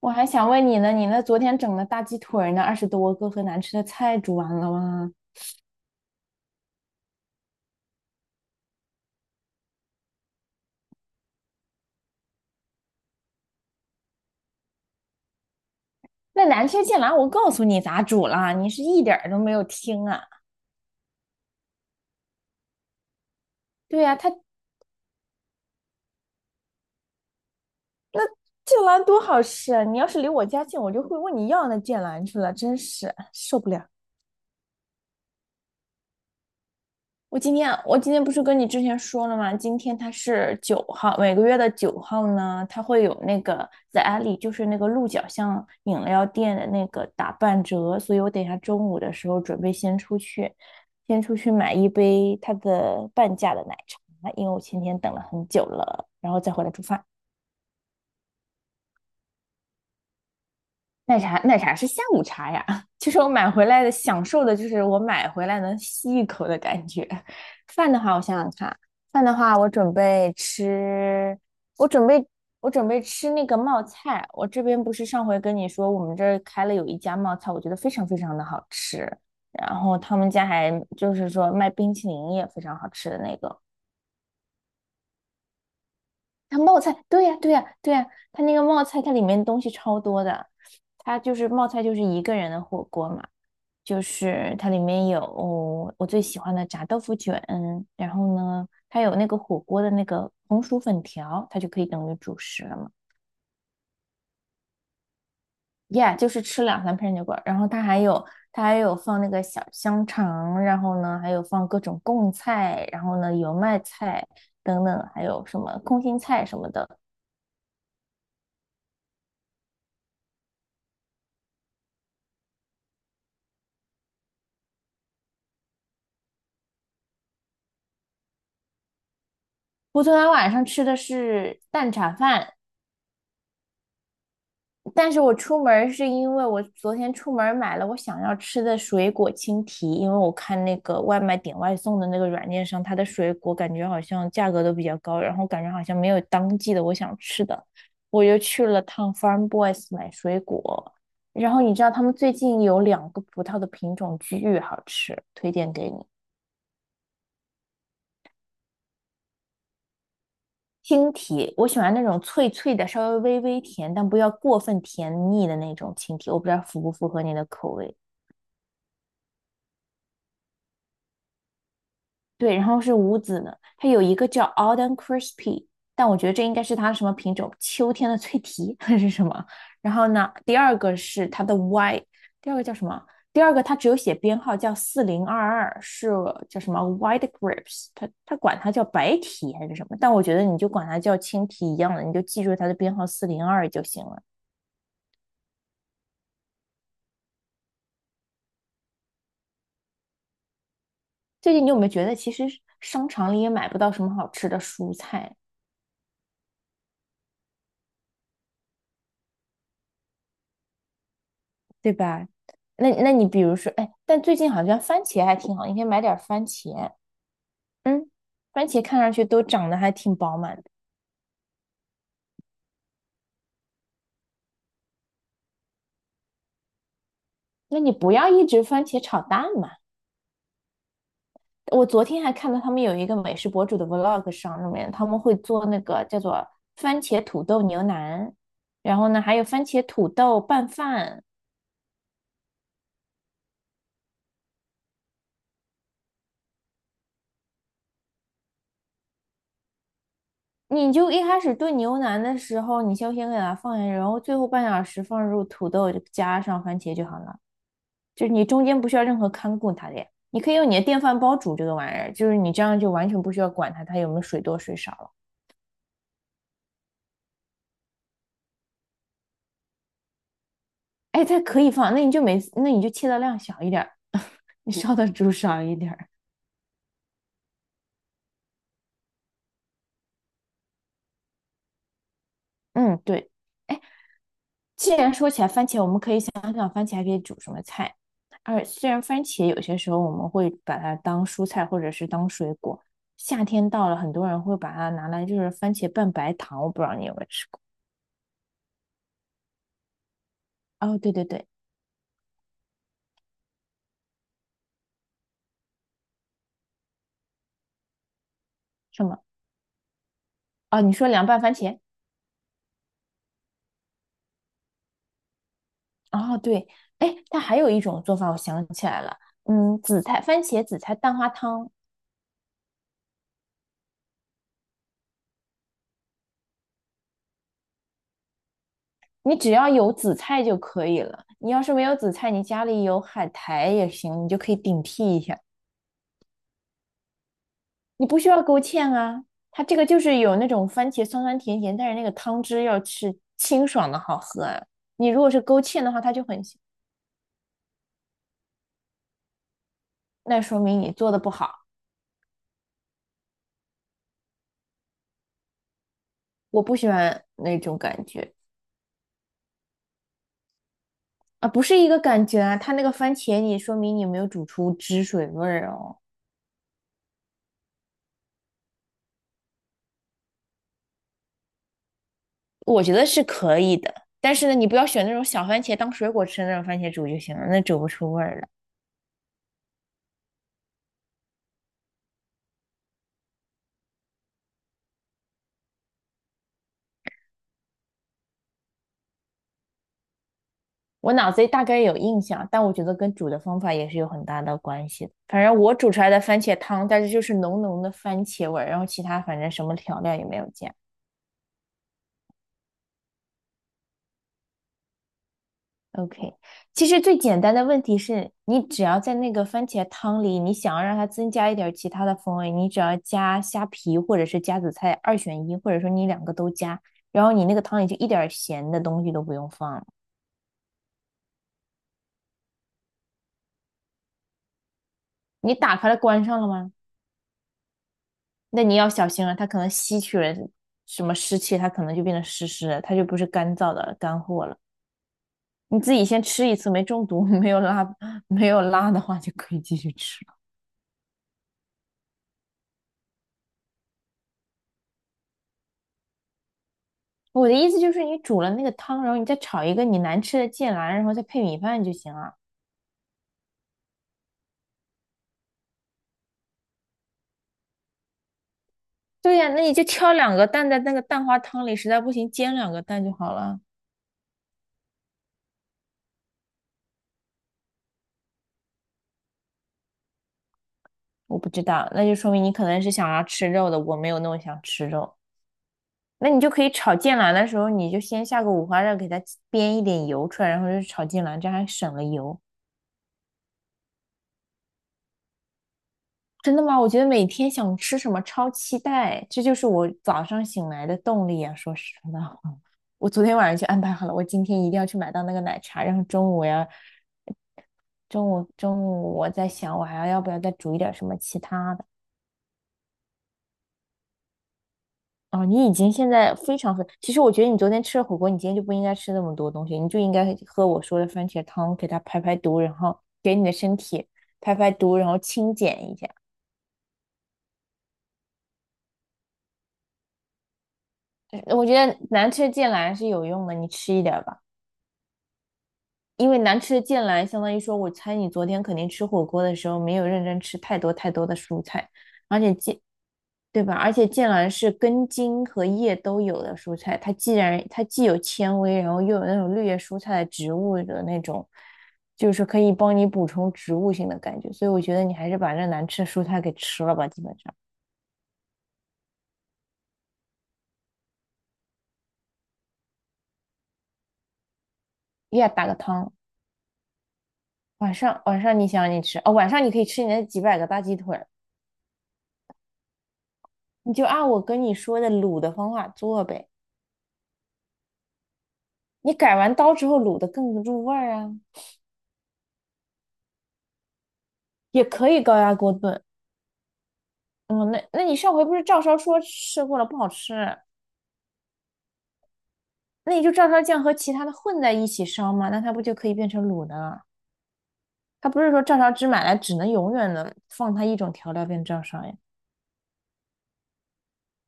我还想问你呢，你那昨天整的大鸡腿儿呢，20多个和难吃的菜煮完了吗？那难吃剑兰我告诉你咋煮了，你是一点儿都没有听啊。对呀，它剑兰多好吃啊，你要是离我家近，我就会问你要那剑兰去了，真是受不了。我今天不是跟你之前说了吗？今天它是九号，每个月的九号呢，它会有那个在 Alley 就是那个鹿角巷饮料店的那个打半折，所以我等一下中午的时候准备先出去，先出去买一杯它的半价的奶茶，因为我前天等了很久了，然后再回来煮饭。奶茶是下午茶呀。就是我买回来的，享受的就是我买回来能吸一口的感觉。饭的话，我想想看，饭的话，我准备我准备吃那个冒菜。我这边不是上回跟你说，我们这儿开了有一家冒菜，我觉得非常非常的好吃。然后他们家还就是说卖冰淇淋也非常好吃的那个。它冒菜，对呀，对呀，对呀，它那个冒菜，它里面东西超多的。它就是冒菜，就是一个人的火锅嘛。就是它里面有我最喜欢的炸豆腐卷，然后呢，它有那个火锅的那个红薯粉条，它就可以等于主食了嘛。Yeah，就是吃两三片牛够然后它还有放那个小香肠，然后呢还有放各种贡菜，然后呢油麦菜等等，还有什么空心菜什么的。我昨天晚上吃的是蛋炒饭，但是我出门是因为我昨天出门买了我想要吃的水果青提，因为我看那个外卖点外送的那个软件上，它的水果感觉好像价格都比较高，然后感觉好像没有当季的我想吃的，我又去了趟 Farm Boys 买水果。然后你知道他们最近有两个葡萄的品种巨好吃，推荐给你。青提，我喜欢那种脆脆的，稍微微微甜，但不要过分甜腻的那种青提，我不知道符不符合你的口味。对，然后是无籽呢，它有一个叫 Autumn Crispy，但我觉得这应该是它什么品种，秋天的脆皮还是什么？然后呢，第二个是它的 Y，第二个叫什么？第二个它只有写编号叫4022，是叫什么 White Grapes，它管它叫白提还是什么？但我觉得你就管它叫青提一样的，你就记住它的编号四零二就行了。最近你有没有觉得，其实商场里也买不到什么好吃的蔬菜？对吧？那你比如说，哎，但最近好像番茄还挺好，你可以买点番茄。嗯，番茄看上去都长得还挺饱满的。那你不要一直番茄炒蛋嘛。我昨天还看到他们有一个美食博主的 vlog 上里面，他们会做那个叫做番茄土豆牛腩，然后呢还有番茄土豆拌饭。你就一开始炖牛腩的时候，你就先给它放下去，然后最后半小时放入土豆，加上番茄就好了。就是你中间不需要任何看顾它的呀，你可以用你的电饭煲煮这个玩意儿，就是你这样就完全不需要管它，它有没有水多水少了。哎，它可以放，那你就切的量小一点你烧的煮少一点儿。嗯，对。哎，既然说起来番茄，我们可以想想番茄还可以煮什么菜。而虽然番茄有些时候我们会把它当蔬菜或者是当水果，夏天到了，很多人会把它拿来就是番茄拌白糖，我不知道你有没有吃过。哦，对对对，什么？哦，你说凉拌番茄？哦，对，哎，它还有一种做法，我想起来了，嗯，紫菜番茄紫菜蛋花汤，你只要有紫菜就可以了。你要是没有紫菜，你家里有海苔也行，你就可以顶替一下。你不需要勾芡啊，它这个就是有那种番茄酸酸甜甜，但是那个汤汁要是清爽的好喝啊。你如果是勾芡的话，它就很腥那说明你做的不好。我不喜欢那种感觉啊，不是一个感觉啊，它那个番茄你说明你没有煮出汁水味儿哦。我觉得是可以的，但是呢，你不要选那种小番茄当水果吃的那种番茄煮就行了，那煮不出味儿来。我脑子里大概有印象，但我觉得跟煮的方法也是有很大的关系的。反正我煮出来的番茄汤，但是就是浓浓的番茄味儿，然后其他反正什么调料也没有加。OK，其实最简单的问题是你只要在那个番茄汤里，你想要让它增加一点儿其他的风味，你只要加虾皮或者是加紫菜，二选一，或者说你两个都加，然后你那个汤里就一点儿咸的东西都不用放了。你打开了关上了吗？那你要小心了，它可能吸取了什么湿气，它可能就变得湿湿的，它就不是干燥的干货了。你自己先吃一次，没中毒，没有拉，没有拉的话就可以继续吃。我的意思就是，你煮了那个汤，然后你再炒一个你难吃的芥兰，然后再配米饭就行了。对呀，那你就挑两个蛋在那个蛋花汤里，实在不行煎两个蛋就好了。我不知道，那就说明你可能是想要吃肉的，我没有那么想吃肉。那你就可以炒芥兰的时候，你就先下个五花肉，给它煸一点油出来，然后就炒芥兰，这样还省了油。真的吗？我觉得每天想吃什么超期待，这就是我早上醒来的动力啊！说实话。我昨天晚上就安排好了，我今天一定要去买到那个奶茶，然后中午我要，中午我在想，我还要不要再煮一点什么其他的？哦，你已经现在非常非，其实我觉得你昨天吃了火锅，你今天就不应该吃那么多东西，你就应该喝我说的番茄汤，给它排排毒，然后给你的身体排排毒，然后清减一下。我觉得难吃的芥蓝是有用的，你吃一点吧。因为难吃的剑兰，相当于说，我猜你昨天肯定吃火锅的时候没有认真吃太多太多的蔬菜，而且剑，对吧？而且剑兰是根茎和叶都有的蔬菜，它既有纤维，然后又有那种绿叶蔬菜的植物的那种，就是可以帮你补充植物性的感觉，所以我觉得你还是把这难吃的蔬菜给吃了吧，基本上，呀，打个汤，晚上你想你吃哦，晚上你可以吃你那几百个大鸡腿儿你就按我跟你说的卤的方法做呗。你改完刀之后卤的更不入味儿啊，也可以高压锅炖。嗯，那你上回不是照烧说吃过了不好吃，那你就照烧酱和其他的混在一起烧嘛，那它不就可以变成卤的了？它不是说照烧汁买来只能永远的放它一种调料变照烧呀，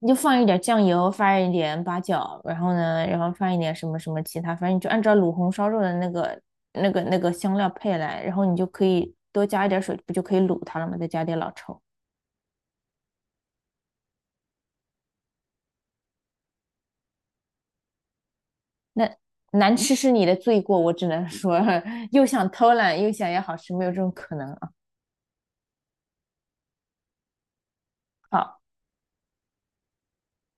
你就放一点酱油，放一点八角，然后呢，然后放一点什么什么其他，反正你就按照卤红烧肉的那个香料配来，然后你就可以多加一点水，不就可以卤它了吗？再加点老抽。那难吃是你的罪过，我只能说 又想偷懒又想要好吃，没有这种可能啊。好，